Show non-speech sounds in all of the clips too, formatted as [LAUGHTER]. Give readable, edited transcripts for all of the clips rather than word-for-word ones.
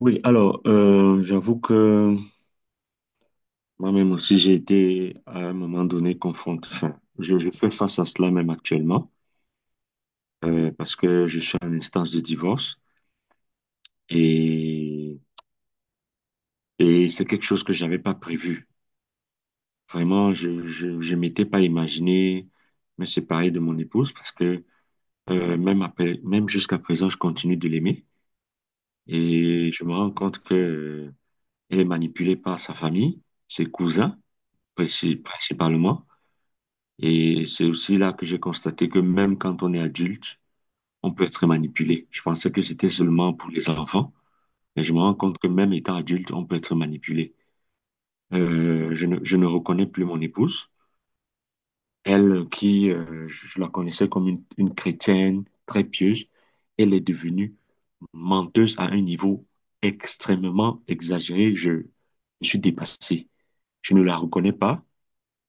Oui, alors, j'avoue que moi-même aussi, j'ai été à un moment donné confronté. Enfin, je fais face à cela même actuellement, parce que je suis en instance de divorce et, et c'est quelque chose que j'avais pas prévu. Vraiment, je m'étais pas imaginé me séparer de mon épouse parce que même après, même jusqu'à présent, je continue de l'aimer et je me rends compte que elle est manipulée par sa famille, ses cousins, principalement. Et c'est aussi là que j'ai constaté que même quand on est adulte, on peut être manipulé. Je pensais que c'était seulement pour les enfants, mais je me rends compte que même étant adulte, on peut être manipulé. Je ne reconnais plus mon épouse, elle qui, je la connaissais comme une chrétienne très pieuse. Elle est devenue menteuse à un niveau extrêmement exagéré. Je suis dépassé. Je ne la reconnais pas.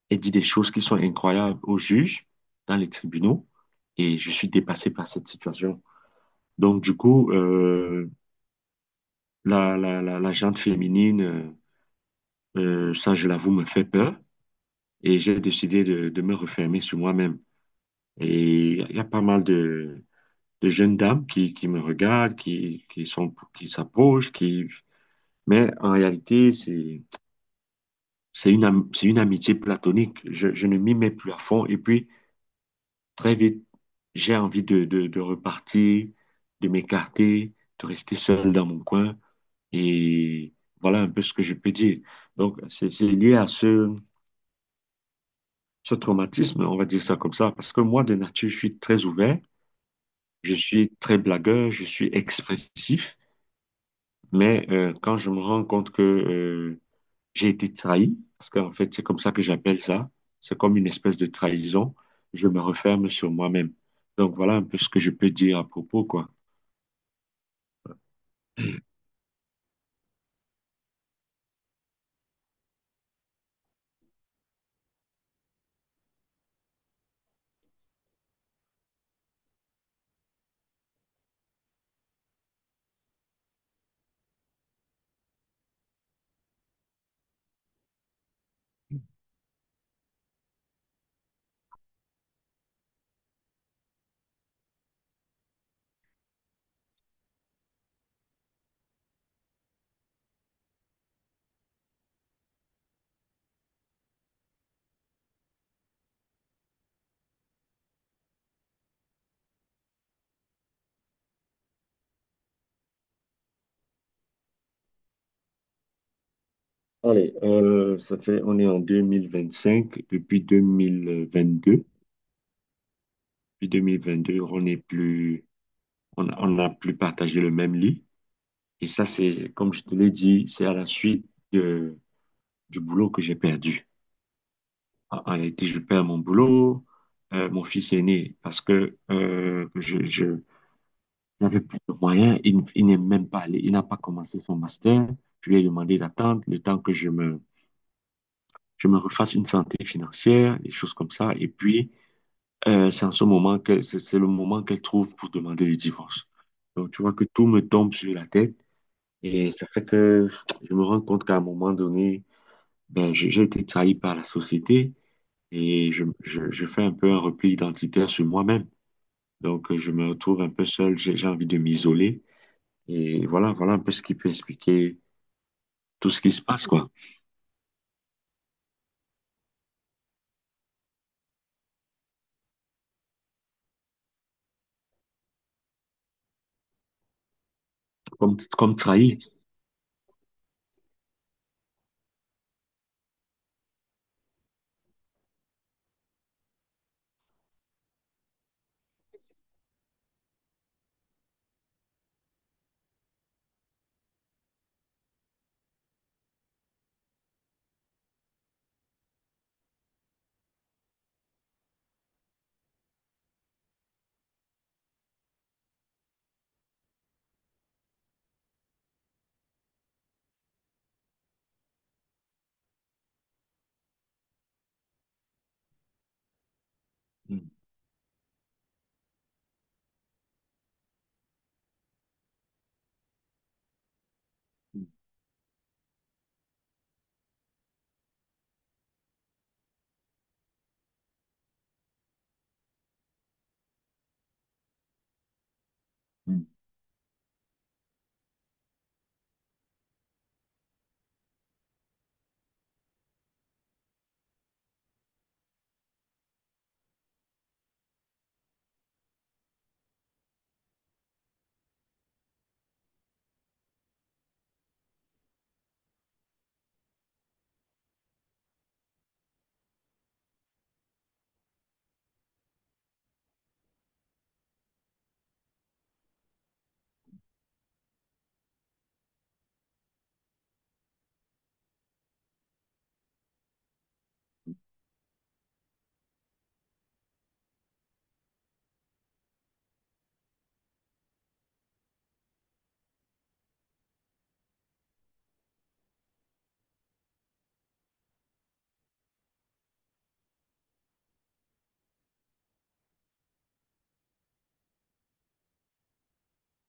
Elle dit des choses qui sont incroyables aux juges, dans les tribunaux, et je suis dépassé par cette situation. Donc, du coup, la gente féminine, ça, je l'avoue, me fait peur, et j'ai décidé de me refermer sur moi-même. Et il y a pas mal de jeunes dames qui me regardent, qui s'approchent, qui... Mais en réalité, c'est une, c'est une amitié platonique. Je ne m'y mets plus à fond. Et puis, très vite, j'ai envie de repartir, de m'écarter, de rester seul dans mon coin. Et voilà un peu ce que je peux dire. Donc, c'est lié à ce traumatisme, on va dire ça comme ça, parce que moi, de nature, je suis très ouvert, je suis très blagueur, je suis expressif, mais quand je me rends compte que j'ai été trahi, parce qu'en fait, c'est comme ça que j'appelle ça, c'est comme une espèce de trahison, je me referme sur moi-même. Donc, voilà un peu ce que je peux dire à propos, quoi. Allez, ça fait, on est en 2025. Depuis 2022, depuis 2022, on n'est plus, on n'a plus partagé le même lit. Et ça, c'est, comme je te l'ai dit, c'est à la suite de- du boulot que j'ai perdu. En en réalité, je perds mon boulot. Mon fils est né parce que je n'avais plus de moyens. Il n'est même pas allé, il n'a pas commencé son master. Je lui ai demandé d'attendre le temps que je me refasse une santé financière, des choses comme ça. Et puis, c'est en ce moment que c'est le moment qu'elle trouve pour demander le divorce. Donc, tu vois que tout me tombe sur la tête et ça fait que je me rends compte qu'à un moment donné, ben, j'ai été trahi par la société et je fais un peu un repli identitaire sur moi-même. Donc, je me retrouve un peu seul, j'ai envie de m'isoler et voilà un peu ce qui peut expliquer tout ce qui se passe, quoi. Comme, comme trahi. Mm, mm,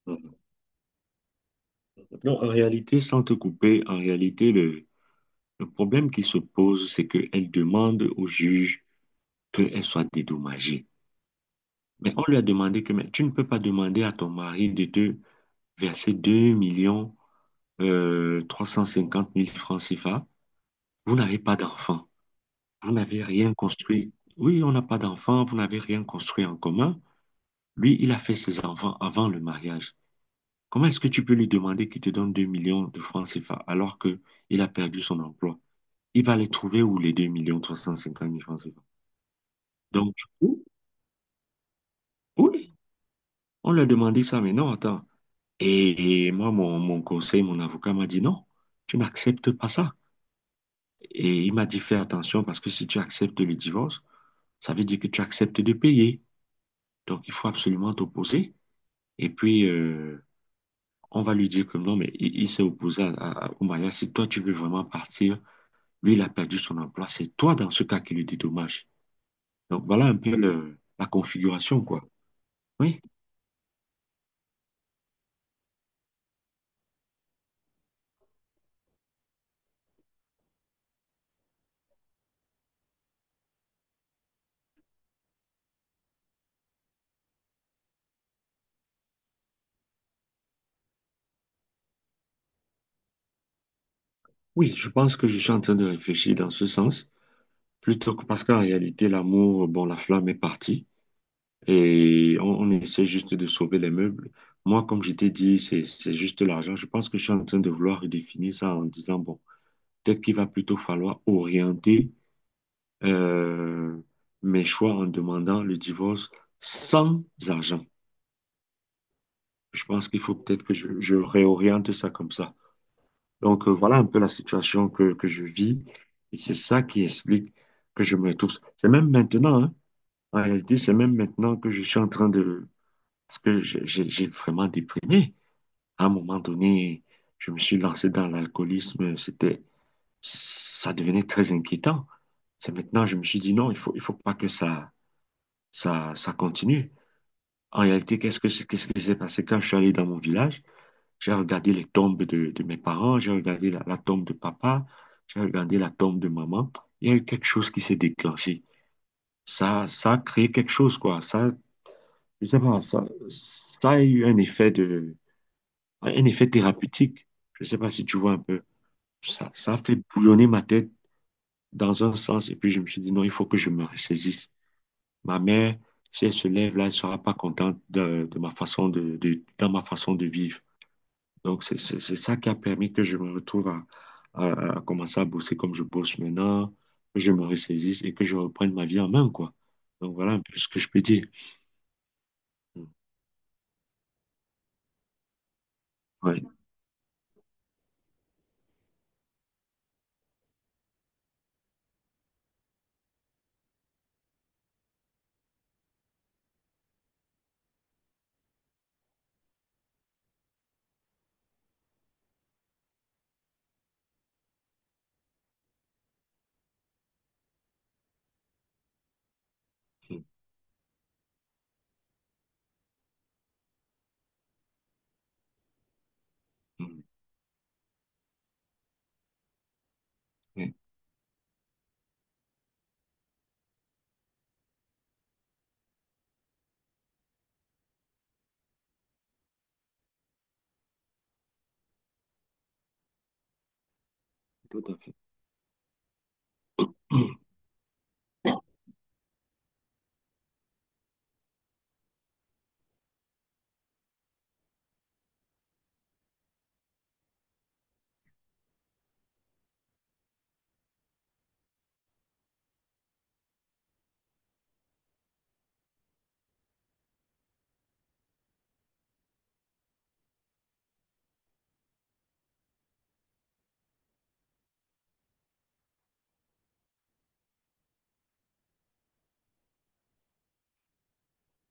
mm. Non, en réalité, sans te couper, en réalité, le problème qui se pose, c'est qu'elle demande au juge qu'elle soit dédommagée. Mais on lui a demandé que mais tu ne peux pas demander à ton mari de te verser 2 millions 350 000 francs CFA. Vous n'avez pas d'enfant. On n'avait rien construit. Oui, on n'a pas d'enfant, vous n'avez rien construit en commun. Lui, il a fait ses enfants avant le mariage. Comment est-ce que tu peux lui demander qu'il te donne 2 millions de francs CFA alors que il a perdu son emploi? Il va les trouver où les 2 350 000 francs CFA? Donc, du coup, oui, on lui a demandé ça, mais non, attends. Et moi, mon conseil, mon avocat m'a dit non, tu n'acceptes pas ça. Et il m'a dit fais attention parce que si tu acceptes le divorce, ça veut dire que tu acceptes de payer. Donc, il faut absolument t'opposer. Et puis, on va lui dire que non, mais il s'est opposé au mariage. Si toi, tu veux vraiment partir, lui, il a perdu son emploi. C'est toi, dans ce cas, qui le dédommage. Donc, voilà un peu la configuration, quoi. Oui, oui, je pense que je suis en train de réfléchir dans ce sens, plutôt que parce qu'en réalité, l'amour, bon, la flamme est partie et on essaie juste de sauver les meubles. Moi, comme je t'ai dit, c'est juste l'argent. Je pense que je suis en train de vouloir redéfinir ça en disant, bon, peut-être qu'il va plutôt falloir orienter euh, mes choix en demandant le divorce sans argent. Je pense qu'il faut peut-être que je réoriente ça comme ça. Donc voilà un peu la situation que je vis et c'est ça qui explique que je me retrouve. C'est même maintenant, hein. En réalité, c'est même maintenant que je suis en train de... Parce que j'ai vraiment déprimé. À un moment donné, je me suis lancé dans l'alcoolisme. C'était... Ça devenait très inquiétant. C'est maintenant, je me suis dit non, il faut pas que ça continue. En réalité, qu'est-ce qui s'est passé quand je suis allé dans mon village? J'ai regardé les tombes de mes parents, j'ai regardé la tombe de papa, j'ai regardé la tombe de maman. Il y a eu quelque chose qui s'est déclenché. Ça a créé quelque chose, quoi. Je sais pas, ça a eu un effet de, un effet thérapeutique. Je sais pas si tu vois un peu. Ça a fait bouillonner ma tête dans un sens. Et puis, je me suis dit, non, il faut que je me ressaisisse. Ma mère, si elle se lève là, elle sera pas contente de ma façon dans ma façon de vivre. Donc, c'est ça qui a permis que je me retrouve à commencer à bosser comme je bosse maintenant, que je me ressaisisse et que je reprenne ma vie en main, quoi. Donc, voilà un peu ce que je peux dire. Mm. Ouais. Mm. Mm. Oui, tout à fait. [CLEARS THROAT]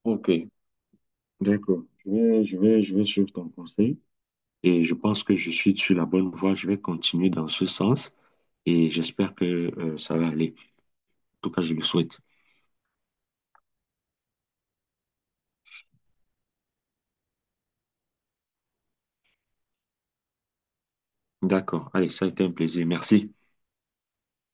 Ok, d'accord. Je vais suivre ton conseil et je pense que je suis sur la bonne voie. Je vais continuer dans ce sens et j'espère que ça va aller. En tout cas, je le souhaite. D'accord. Allez, ça a été un plaisir. Merci.